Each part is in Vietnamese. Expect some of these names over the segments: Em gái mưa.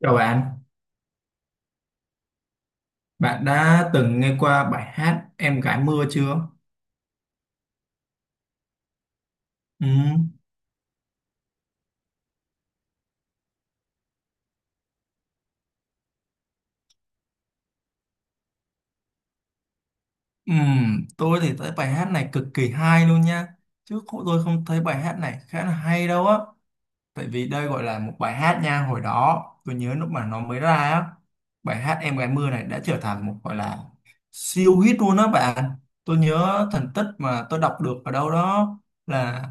Chào bạn, bạn đã từng nghe qua bài hát Em gái mưa chưa? Ừ, ừ, tôi thì thấy bài hát này cực kỳ hay luôn nha. Chứ không, tôi không thấy bài hát này khá là hay đâu á. Tại vì đây gọi là một bài hát nha. Hồi đó tôi nhớ lúc mà nó mới ra á. Bài hát Em gái mưa này đã trở thành một gọi là siêu hit luôn đó bạn. Tôi nhớ thành tích mà tôi đọc được ở đâu đó là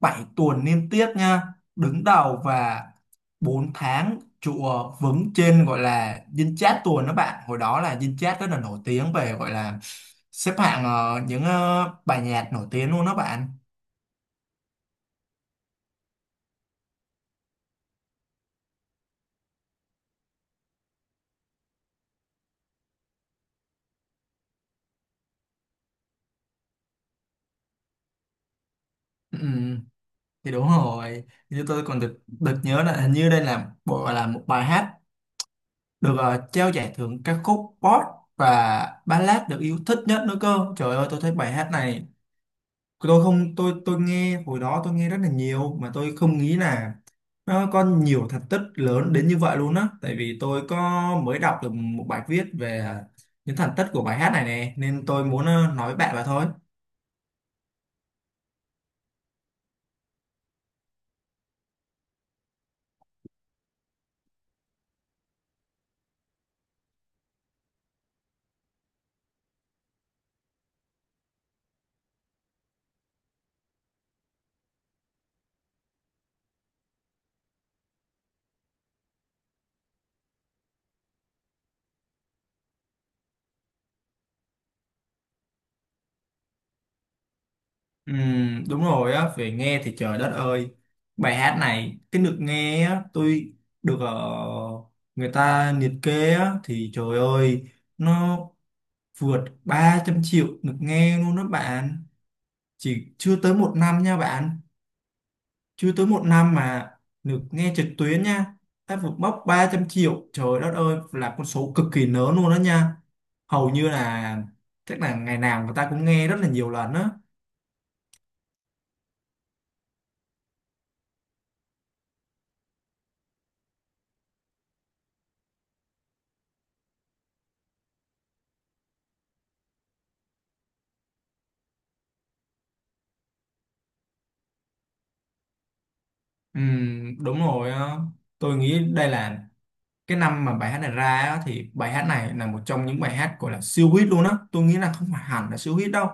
7 tuần liên tiếp nha. Đứng đầu và 4 tháng trụ vững trên gọi là dinh chat tuần đó bạn. Hồi đó là dinh chat rất là nổi tiếng về gọi là xếp hạng những bài nhạc nổi tiếng luôn đó bạn. Ừ, thì đúng rồi, như tôi còn được được nhớ là hình như đây là bộ là một bài hát được trao giải thưởng ca khúc pop và ballad được yêu thích nhất nữa cơ. Trời ơi, tôi thấy bài hát này, tôi không, tôi nghe hồi đó tôi nghe rất là nhiều mà tôi không nghĩ là nó có nhiều thành tích lớn đến như vậy luôn á. Tại vì tôi có mới đọc được một bài viết về những thành tích của bài hát này nè nên tôi muốn nói với bạn vậy thôi. Ừ, đúng rồi á, về nghe thì trời đất ơi. Bài hát này, cái được nghe á, tôi được người ta liệt kê á. Thì trời ơi, nó vượt 300 triệu được nghe luôn đó bạn. Chỉ chưa tới một năm nha bạn. Chưa tới một năm mà được nghe trực tuyến nha. Đã vượt mốc 300 triệu, trời đất ơi là con số cực kỳ lớn luôn đó nha. Hầu như là, chắc là ngày nào người ta cũng nghe rất là nhiều lần á. Ừ, đúng rồi á. Tôi nghĩ đây là cái năm mà bài hát này ra á, thì bài hát này là một trong những bài hát gọi là siêu hit luôn á. Tôi nghĩ là không phải hẳn là siêu hit đâu,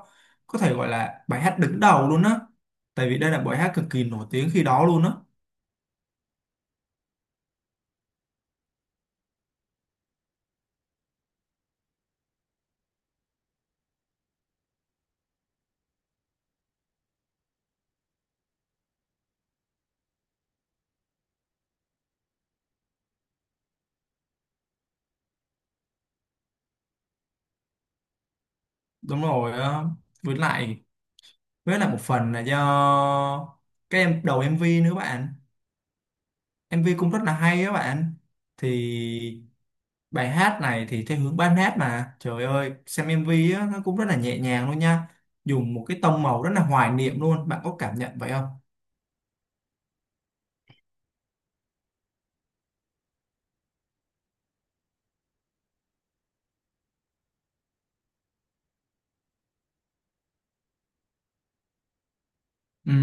có thể gọi là bài hát đứng đầu luôn á, tại vì đây là bài hát cực kỳ nổi tiếng khi đó luôn á. Đúng rồi á, với lại với lại một phần là do cái em đầu MV nữa bạn. MV cũng rất là hay á bạn. Thì bài hát này thì theo hướng ballad hát, mà trời ơi, xem MV á, nó cũng rất là nhẹ nhàng luôn nha. Dùng một cái tông màu rất là hoài niệm luôn, bạn có cảm nhận vậy không? Ừ,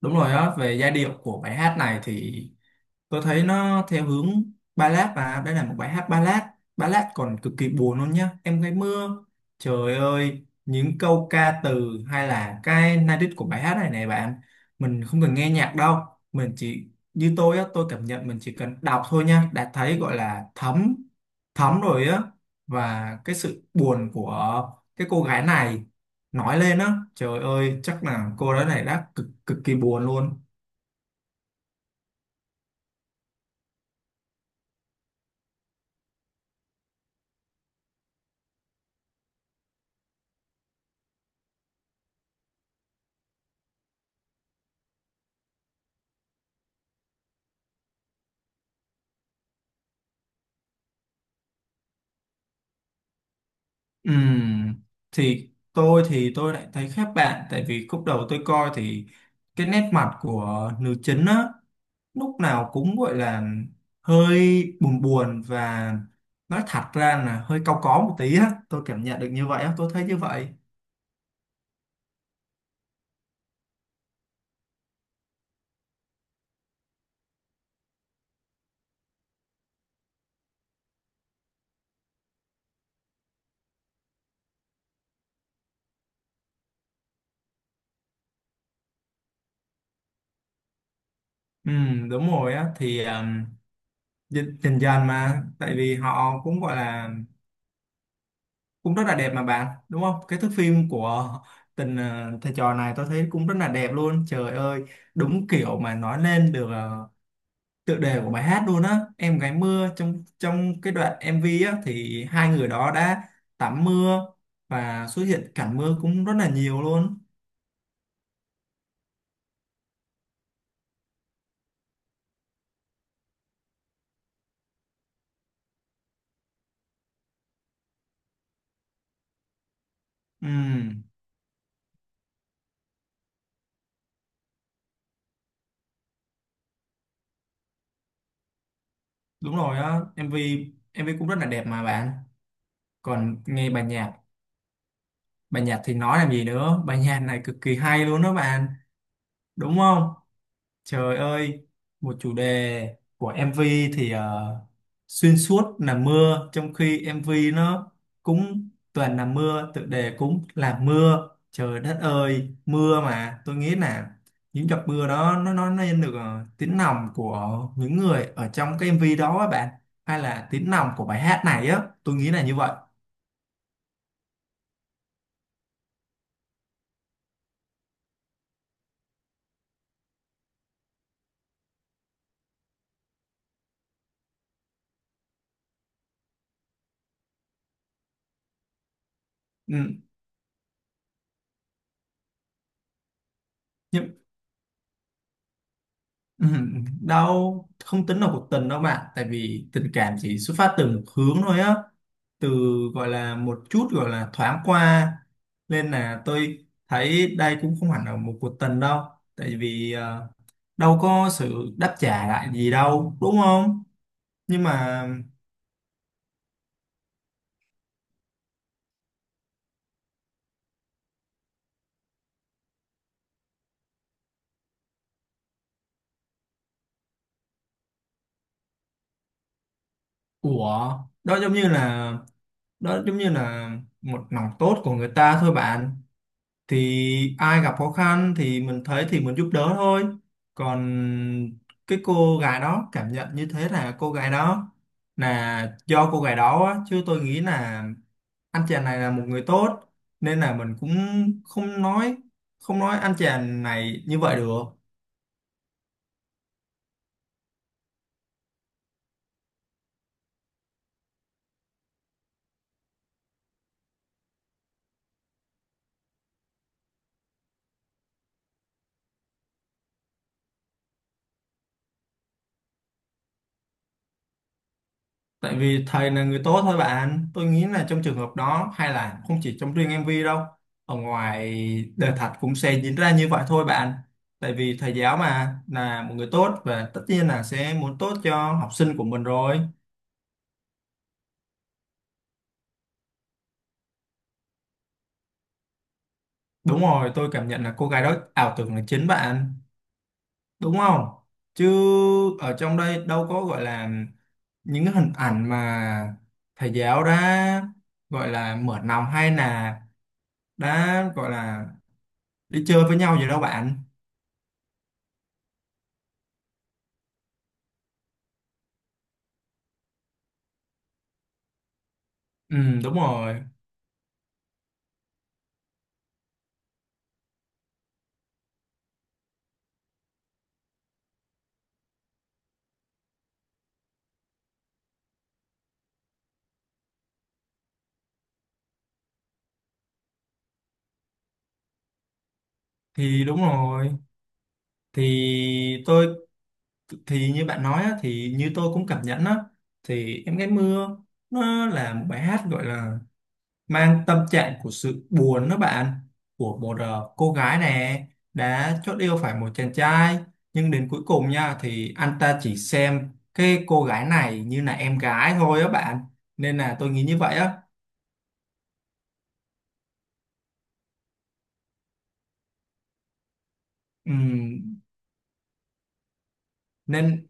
đúng rồi á, về giai điệu của bài hát này thì tôi thấy nó theo hướng ballad và đây là một bài hát ballad. Ballad còn cực kỳ buồn luôn nhá. Em gái mưa, trời ơi những câu ca từ hay là cái lyric của bài hát này này bạn, mình không cần nghe nhạc đâu. Mình chỉ, như tôi á, tôi cảm nhận mình chỉ cần đọc thôi nha đã thấy gọi là thấm thấm rồi á. Và cái sự buồn của cái cô gái này nói lên á, trời ơi chắc là cô gái này đã cực cực kỳ buồn luôn. Ừm, thì tôi lại thấy khác bạn, tại vì khúc đầu tôi coi thì cái nét mặt của nữ chính á, lúc nào cũng gọi là hơi buồn buồn và nói thật ra là hơi cau có một tí á. Tôi cảm nhận được như vậy á, tôi thấy như vậy. Đúng rồi á, thì dần dần dần mà, tại vì họ cũng gọi là cũng rất là đẹp mà bạn đúng không, cái thước phim của tình thầy trò này tôi thấy cũng rất là đẹp luôn. Trời ơi, đúng kiểu mà nói lên được tựa đề của bài hát luôn á, em gái mưa, trong trong cái đoạn MV á thì hai người đó đã tắm mưa và xuất hiện cảnh mưa cũng rất là nhiều luôn. Ừm, đúng rồi á, MV, MV cũng rất là đẹp mà bạn. Còn nghe bài nhạc thì nói làm gì nữa, bài nhạc này cực kỳ hay luôn đó bạn, đúng không? Trời ơi, một chủ đề của MV thì xuyên suốt là mưa, trong khi MV nó cũng toàn là mưa, tựa đề cũng là mưa. Trời đất ơi, mưa mà tôi nghĩ là những giọt mưa đó nó nên được tiếng lòng của những người ở trong cái MV đó á bạn, hay là tiếng lòng của bài hát này á, tôi nghĩ là như vậy. Ừ, nhưng ừ, đâu không tính là cuộc tình đâu bạn, tại vì tình cảm chỉ xuất phát từ một hướng thôi á, từ gọi là một chút gọi là thoáng qua, nên là tôi thấy đây cũng không hẳn là một cuộc tình đâu, tại vì đâu có sự đáp trả lại gì đâu đúng không. Nhưng mà, ủa, đó giống như là đó giống như là một lòng tốt của người ta thôi bạn, thì ai gặp khó khăn thì mình thấy thì mình giúp đỡ thôi. Còn cái cô gái đó cảm nhận như thế là cô gái đó, là do cô gái đó á, chứ tôi nghĩ là anh chàng này là một người tốt, nên là mình cũng không nói không nói anh chàng này như vậy được. Tại vì thầy là người tốt thôi bạn. Tôi nghĩ là trong trường hợp đó hay là không chỉ trong riêng MV đâu. Ở ngoài đời thật cũng sẽ diễn ra như vậy thôi bạn. Tại vì thầy giáo mà là một người tốt và tất nhiên là sẽ muốn tốt cho học sinh của mình rồi. Đúng rồi, tôi cảm nhận là cô gái đó ảo tưởng là chính bạn. Đúng không? Chứ ở trong đây đâu có gọi là những cái hình ảnh mà thầy giáo đã gọi là mở lòng hay là đã gọi là đi chơi với nhau gì đâu bạn. Ừ, đúng rồi, thì đúng rồi, thì tôi, thì như bạn nói á, thì như tôi cũng cảm nhận á, thì em gái mưa nó là một bài hát gọi là mang tâm trạng của sự buồn đó bạn, của một cô gái nè, đã chót yêu phải một chàng trai nhưng đến cuối cùng nha thì anh ta chỉ xem cái cô gái này như là em gái thôi á bạn, nên là tôi nghĩ như vậy á. Ừ, nên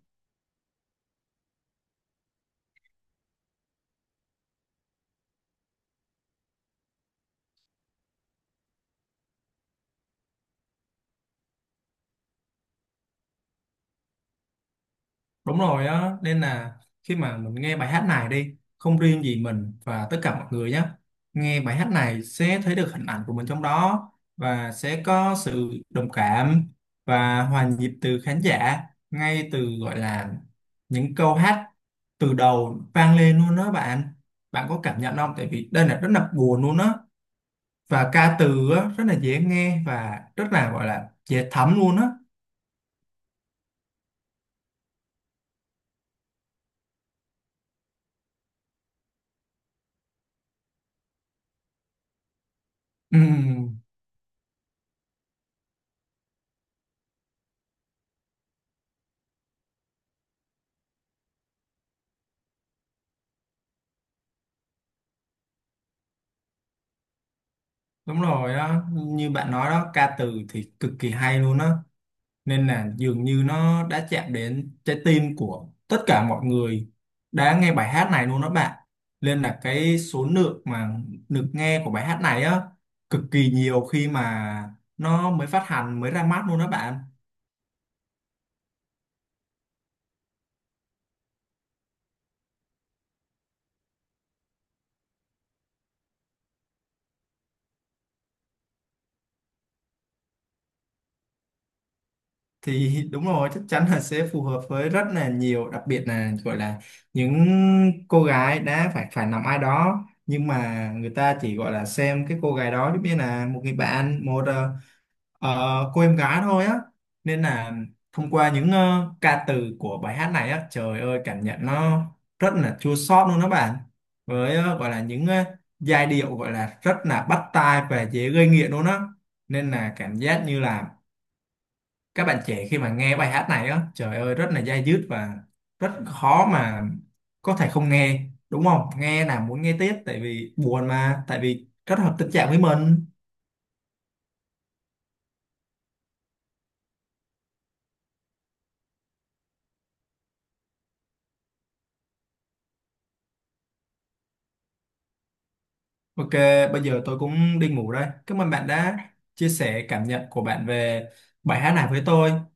đúng rồi á, nên là khi mà mình nghe bài hát này đi, không riêng gì mình và tất cả mọi người nhé. Nghe bài hát này sẽ thấy được hình ảnh của mình trong đó và sẽ có sự đồng cảm và hòa nhịp từ khán giả ngay từ gọi là những câu hát từ đầu vang lên luôn đó bạn. Bạn có cảm nhận không? Tại vì đây là rất là buồn luôn á, và ca từ á, rất là dễ nghe và rất là gọi là dễ thấm luôn á. Ừ, đúng rồi đó, như bạn nói đó, ca từ thì cực kỳ hay luôn đó. Nên là dường như nó đã chạm đến trái tim của tất cả mọi người đã nghe bài hát này luôn đó bạn. Nên là cái số lượng mà được nghe của bài hát này á cực kỳ nhiều khi mà nó mới phát hành, mới ra mắt luôn đó bạn. Thì đúng rồi, chắc chắn là sẽ phù hợp với rất là nhiều, đặc biệt là gọi là những cô gái đã phải phải nằm ai đó nhưng mà người ta chỉ gọi là xem cái cô gái đó giống như là một người bạn, một cô em gái thôi á, nên là thông qua những ca từ của bài hát này á, trời ơi cảm nhận nó rất là chua xót luôn đó bạn, với gọi là những giai điệu gọi là rất là bắt tai và dễ gây nghiện luôn á, nên là cảm giác như là các bạn trẻ khi mà nghe bài hát này á, trời ơi rất là dai dứt và rất khó mà có thể không nghe, đúng không, nghe là muốn nghe tiếp, tại vì buồn mà, tại vì rất hợp tình trạng với mình. OK, bây giờ tôi cũng đi ngủ đây, cảm ơn bạn đã chia sẻ cảm nhận của bạn về bài hát này với tôi.